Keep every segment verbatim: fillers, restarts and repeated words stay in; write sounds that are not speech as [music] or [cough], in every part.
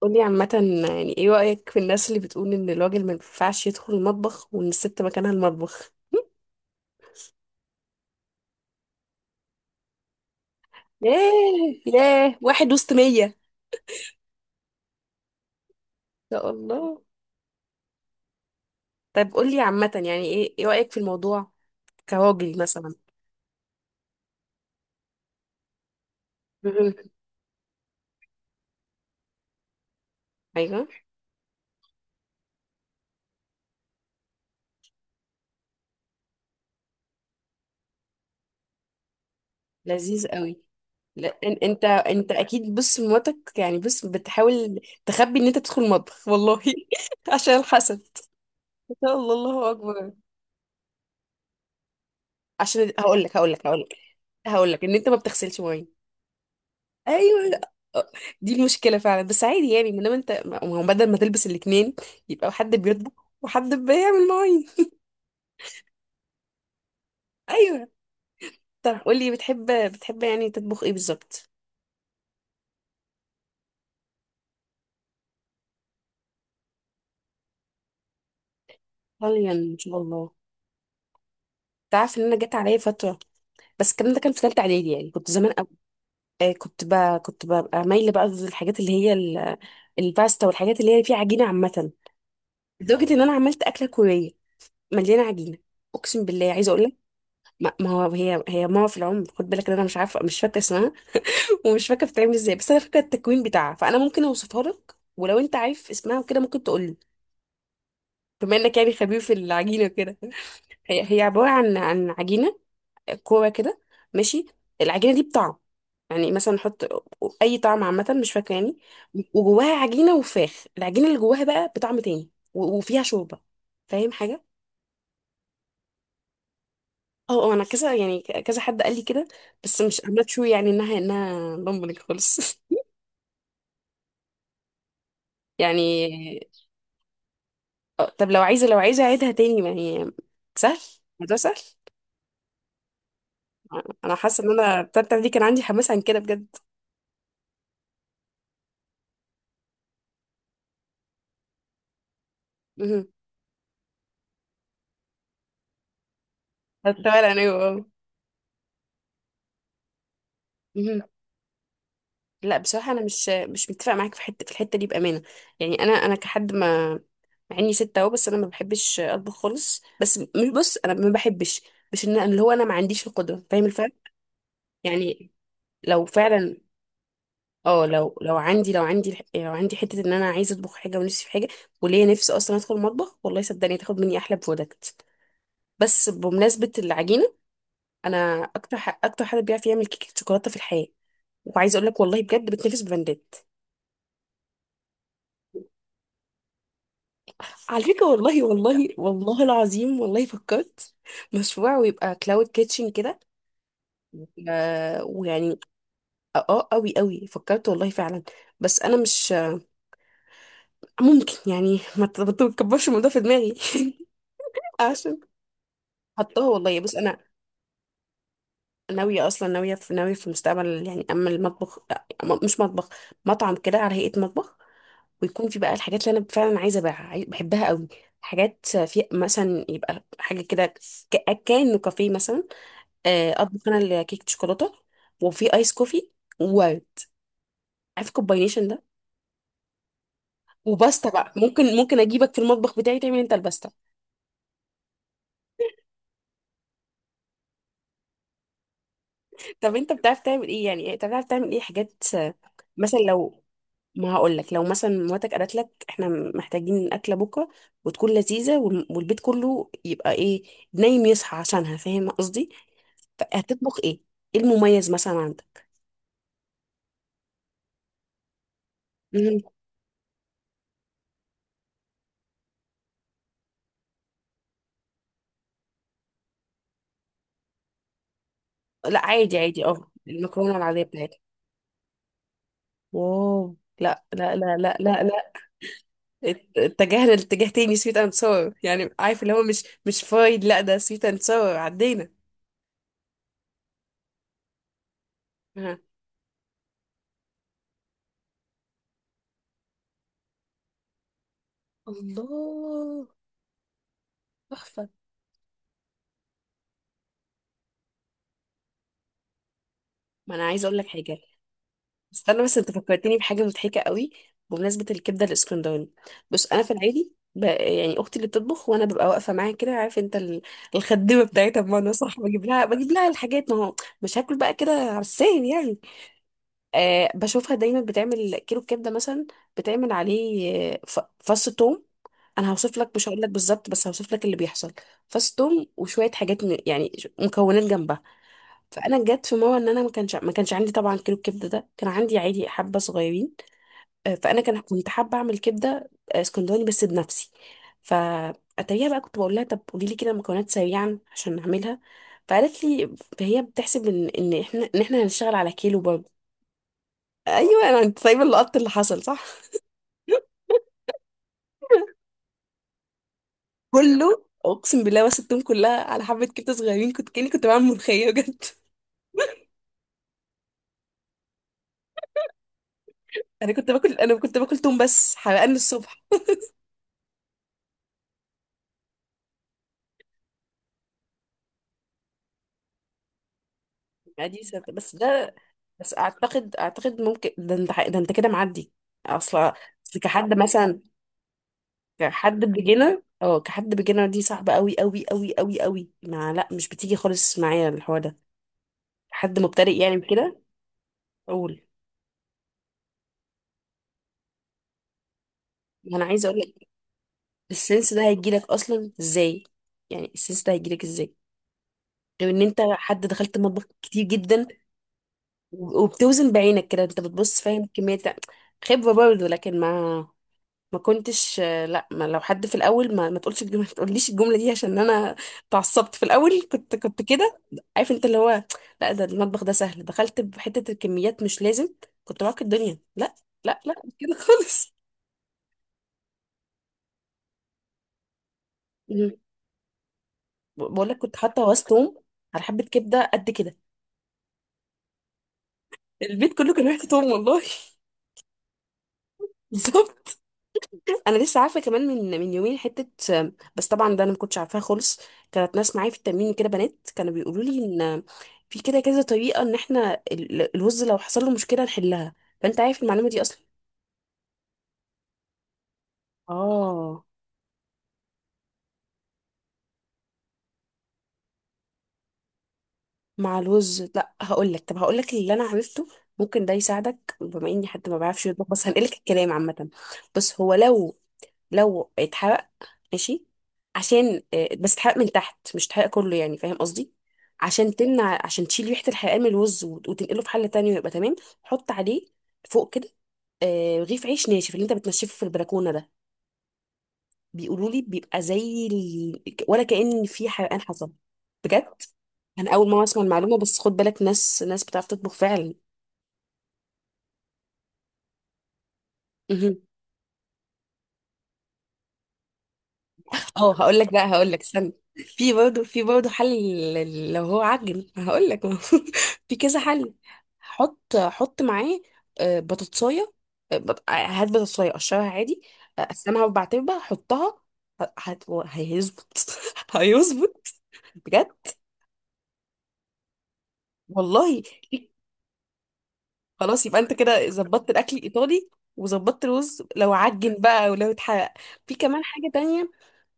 قولي عامة، يعني ايه رأيك في الناس اللي بتقول ان الراجل ما ينفعش يدخل المطبخ وان الست مكانها المطبخ؟ ياه، ياه، واحد وسط مية، ان شاء الله. طيب قولي عامة، يعني ايه ايه رأيك في الموضوع كراجل مثلا؟ مهم. ايوه. لذيذ قوي. لا، إن- انت انت اكيد، بص مراتك يعني، بص بتحاول تخبي ان انت تدخل المطبخ والله. [laughs] عشان الحسد، ان شاء الله، الله اكبر. عشان هقول لك هقول لك هقول لك هقول لك ان انت ما بتغسلش مواعين. ايوه، دي المشكله فعلا، بس عادي يعني، ما دام انت، ما هو بدل ما تلبس الاتنين يبقى حد بيطبخ وحد بيعمل مواعين. ايوه. طب قولي، بتحب بتحب يعني تطبخ ايه بالظبط؟ ايطاليا، ان شاء الله. تعرف ان انا جت عليا فتره، بس الكلام ده كان في ثالثه اعدادي، يعني كنت زمان قوي. آه، كنت بقى، كنت ببقى مايله بقى للحاجات اللي هي ال- الباستا والحاجات اللي هي فيها عجينه عامه. لدرجه ان انا عملت اكله كوريه مليانه عجينه، اقسم بالله. عايزه اقول لك، ما ما هو، هي هي ماما في العمر، خد بالك ان انا مش عارفه، مش فاكره اسمها ومش فاكره بتتعمل ازاي، بس انا فاكره التكوين بتاعها، فانا ممكن اوصفها لك، ولو انت عارف اسمها وكده ممكن تقول لي، بما انك يعني خبير في العجينه كده. هي هي عباره عن عن عجينه، كوره كده، ماشي. العجينه دي بطعم، يعني مثلا نحط اي طعم عامه، مش فاكره يعني. وجواها عجينه، وفراخ العجينه اللي جواها بقى بطعم تاني، و- وفيها شوربه. فاهم حاجه؟ اه اه، انا كذا يعني، كذا حد قال لي كده، بس مش I'm not sure يعني انها، انها ضمنك خالص. [laughs] يعني آه، طب لو عايزة، لو عايزة أعيدها تاني، ما هي سهل، الموضوع سهل. أنا حاسة إن أنا التالتة دي كان عندي حماس عن كده بجد. مهم. بس ولا أنا اه. مهم. لا بصراحة أنا مش مش متفق معاك في حتة في الحتة دي بأمانة. يعني أنا، أنا كحد ما، مع إني ست أهو، بس أنا ما بحبش أطبخ خالص. بس مش، بص، أنا ما بحبش، مش إن اللي هو أنا ما عنديش القدرة، فاهم الفرق؟ يعني لو فعلا، اه لو، لو عندي لو عندي الح- لو عندي حته ان انا عايزه اطبخ حاجه، ونفسي في حاجه، وليا نفسي اصلا ادخل المطبخ، والله صدقني تاخد مني احلى برودكت. بس بمناسبه العجينه، انا اكتر ح- اكتر حد بيعرف يعمل كيكه شوكولاته في الحياه، وعايزه اقول لك والله بجد بتنافس براندات. على فكره، والله والله والله العظيم، والله فكرت مشروع، ويبقى كلاود كيتشن كده. آه، ويعني، اه قوي قوي فكرت والله فعلا. بس انا مش ممكن يعني، ما ت- ما تكبرش الموضوع في دماغي. [laughs] عشان حطاه، والله، بص انا ناويه اصلا، ناويه في، ناويه في المستقبل يعني، اما المطبخ آه، م- مش مطبخ، مطعم كده على هيئه مطبخ، ويكون في بقى الحاجات اللي انا فعلا عايزه ابيعها، عاي- بحبها قوي. حاجات في مثلا، يبقى حاجه كده، ك- كانه كافيه مثلا. آه، اطبخ انا الكيك شوكولاته، وفي ايس كوفي، واو، عارف الكومباينيشن ده؟ وباستا بقى، ممكن ممكن اجيبك في المطبخ بتاعي تعمل انت الباستا. [laughs] طب انت بتعرف تعمل ايه يعني، بتعرف تعمل ايه حاجات آه؟ مثلا لو، ما هقول لك، لو مثلا مراتك قالت لك احنا محتاجين اكله بكره وتكون لذيذه، وال- والبيت كله يبقى ايه، نايم يصحى عشانها، فاهم قصدي؟ هتطبخ ايه؟ ايه المميز مثلا عندك؟ مم. لا عادي، عادي، اه المكرونه العاديه بتاعتك. واو، لا لا لا لا لا لا ات- اتجهنا لاتجاه تاني. سويت اند ساور يعني، عارف اللي هو، مش مش فرايد، لا ده سويت اند ساور، عدينا. ها. الله. تحفة. ما انا عايزه اقول لك حاجه، استنى بس، انت فكرتني بحاجه مضحكه قوي. بمناسبه الكبده الاسكندراني، بص، انا في العادي ب... يعني اختي اللي بتطبخ، وانا ببقى واقفه معاها كده، عارف انت ال... الخدمه بتاعتها، بمعنى صح بجيب لها، بجيب لها الحاجات، ما هو مش هاكل بقى كده على السهل يعني. آه، بشوفها دايما بتعمل كيلو كبده مثلا، بتعمل عليه آه، ف... فص توم، انا هوصف لك، مش هقول لك بالظبط، بس هوصف لك اللي بيحصل. فص توم، وشويه حاجات م... يعني ش- مكونات جنبها. فانا جت في مره ان انا ما كانش ما كانش عندي طبعا كيلو الكبده ده، كان عندي عادي حبه صغيرين. آه، فانا كان كنت حابه اعمل كبده آه، اسكندراني بس بنفسي. فاتريها بقى كنت بقول لها، طب قولي لي كده مكونات سريعا عشان نعملها. فقالت لي، فهي بتحسب ان، ان احنا ان احنا هنشتغل على كيلو برضه. ايوه انا، انت سايبه اللقط اللي حصل صح. كله اقسم بالله، وسبتهم كلها على حبه كبده صغيرين، كنت كاني كنت بعمل ملوخيه بجد. انا كنت باكل، انا كنت باكل توم بس، حرقان الصبح. عادي سنة. بس ده، بس اعتقد، اعتقد ممكن ده، انت ده، انت كده معدي اصلا. أصل كحد مثلا، كحد بيجينر، اه كحد بيجينر دي صعبة قوي قوي قوي قوي قوي، ما، لا مش بتيجي خالص معايا الحوار ده، حد مبتدئ يعني كده. اقول ما انا عايزه اقول لك، السنس ده هيجيلك اصلا ازاي؟ يعني السنس ده هيجيلك ازاي، غير ان انت حد دخلت المطبخ كتير جدا، وبتوزن بعينك كده، انت بتبص فاهم كمية، خبرة برضه. لكن ما، ما كنتش آه، لا ما، لو حد في الاول، ما ما تقولش الجمله، ما تقوليش الجمله دي، عشان انا اتعصبت في الاول، كنت كنت كده، عارف انت اللي هو، لا ده المطبخ ده سهل دخلت بحته، الكميات مش لازم، كنت راكب الدنيا، لا، لا لا مش كده خالص. مم. بقول لك كنت حاطه وسط توم على حبه كبده قد كده، البيت كله كان ريحه توم والله. [laughs] بالظبط. انا لسه عارفه كمان من من يومين حته، بس طبعا ده انا ما كنتش عارفاها خالص. كانت ناس معايا في التمرين كده، بنات كانوا بيقولوا لي ان في كده كذا طريقه ان احنا ال- الوز لو حصل له مشكله نحلها، فانت عارف المعلومه دي اصلا؟ اه مع الوز، لا هقول لك، طب هقول لك اللي انا عرفته، ممكن ده يساعدك، بما اني حد ما بعرفش يطبخ، بس هنقلك الكلام عامه. بس هو لو، لو اتحرق، ماشي، عشان آه، بس اتحرق من تحت، مش اتحرق كله يعني، فاهم قصدي؟ عشان تمنع، عشان تشيل ريحة الحرقان من الرز، وت- وتنقله في حلة تانية ويبقى تمام. حط عليه فوق كده آه، رغيف عيش ناشف اللي انت بتنشفه في البلكونة ده، بيقولوا لي بيبقى زي ال... ولا كأن في حرقان حصل. بجد؟ انا اول مرة اسمع المعلومة، بس خد بالك ناس، ناس بتعرف تطبخ فعلا. اه هقول لك بقى، هقول لك، استنى، في برضه، في برضه حل. لل- لو هو عجن، هقول لك. [laughs] في كذا حل. حط حط معاه آه، بطاطسايه، آه، بط- آه، هات بطاطسايه قشرها عادي، آه، قسمها اربع تربة، حطها، ه- هت- هيظبط. [laughs] هيظبط بجد، والله. خلاص، يبقى انت كده ظبطت الاكل الايطالي، وظبطت الرز لو عجن بقى ولو اتحرق. في كمان حاجه تانية،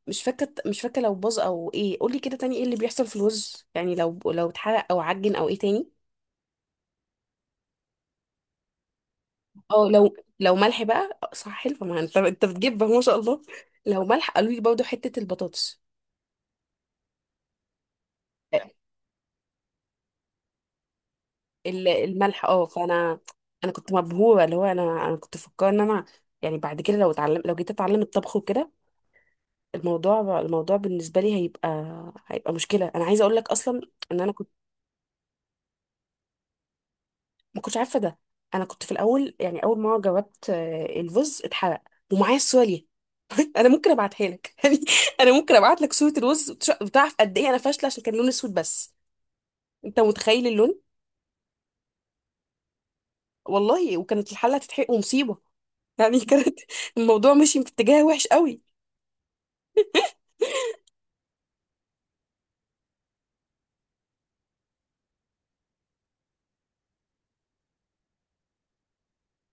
مش فاكره، مش فاكره لو باظ او ايه، قولي كده تاني ايه اللي بيحصل في الرز يعني، لو، لو اتحرق او عجن او ايه تاني. اه لو، لو ملح بقى آه، صح، حلو، ما انت، انت بتجيب ما شاء الله. لو ملح، قالوا لي برضه حته البطاطس، آه، ال- الملح اه. فانا، انا كنت مبهوره، اللي هو انا، انا كنت فكرت ان انا يعني بعد كده لو اتعلم، لو جيت اتعلم الطبخ وكده، الموضوع، الموضوع بالنسبه لي هيبقى، هيبقى مشكله. انا عايزه اقول لك اصلا ان انا كنت ما كنتش عارفه ده. انا كنت في الاول يعني، اول ما جاوبت آه، الرز اتحرق، ومعايا الصوره ليه. [laughs] انا ممكن ابعتها لك. [laughs] يعني انا ممكن ابعت لك صوره الرز، وتش- وتعرف قد ايه انا فاشله، عشان كان لون اسود بس، انت متخيل اللون، والله. وكانت الحله هتتحرق ومصيبه يعني. [laughs] كانت، الموضوع مشي في اتجاه وحش قوي. [laughs]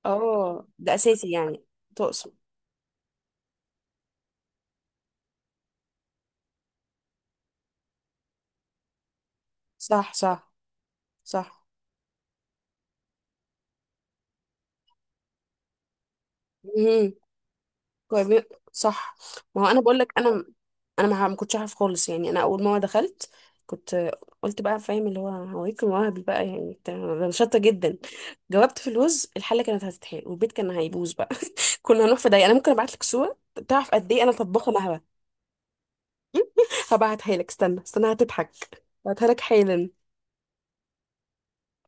اه ده اساسي يعني. تقصد. صح صح. صح. امم. صح. ما هو انا بقول لك، انا، انا ما ما كنتش عارف خالص يعني. انا اول ما دخلت كنت، قلت بقى، فاهم اللي هو، هوريك مواهبي بقى يعني، بتاع- انا شاطره جدا، جاوبت في الوز الحله كانت هتتحرق، والبيت كان هيبوظ بقى. [laughs] كنا هنروح في ضيق. انا ممكن ابعت لك صوره، تعرف قد ايه انا طباخه مهبه. هبعتها لك، استنى استنى هتضحك، هبعتها لك حالا.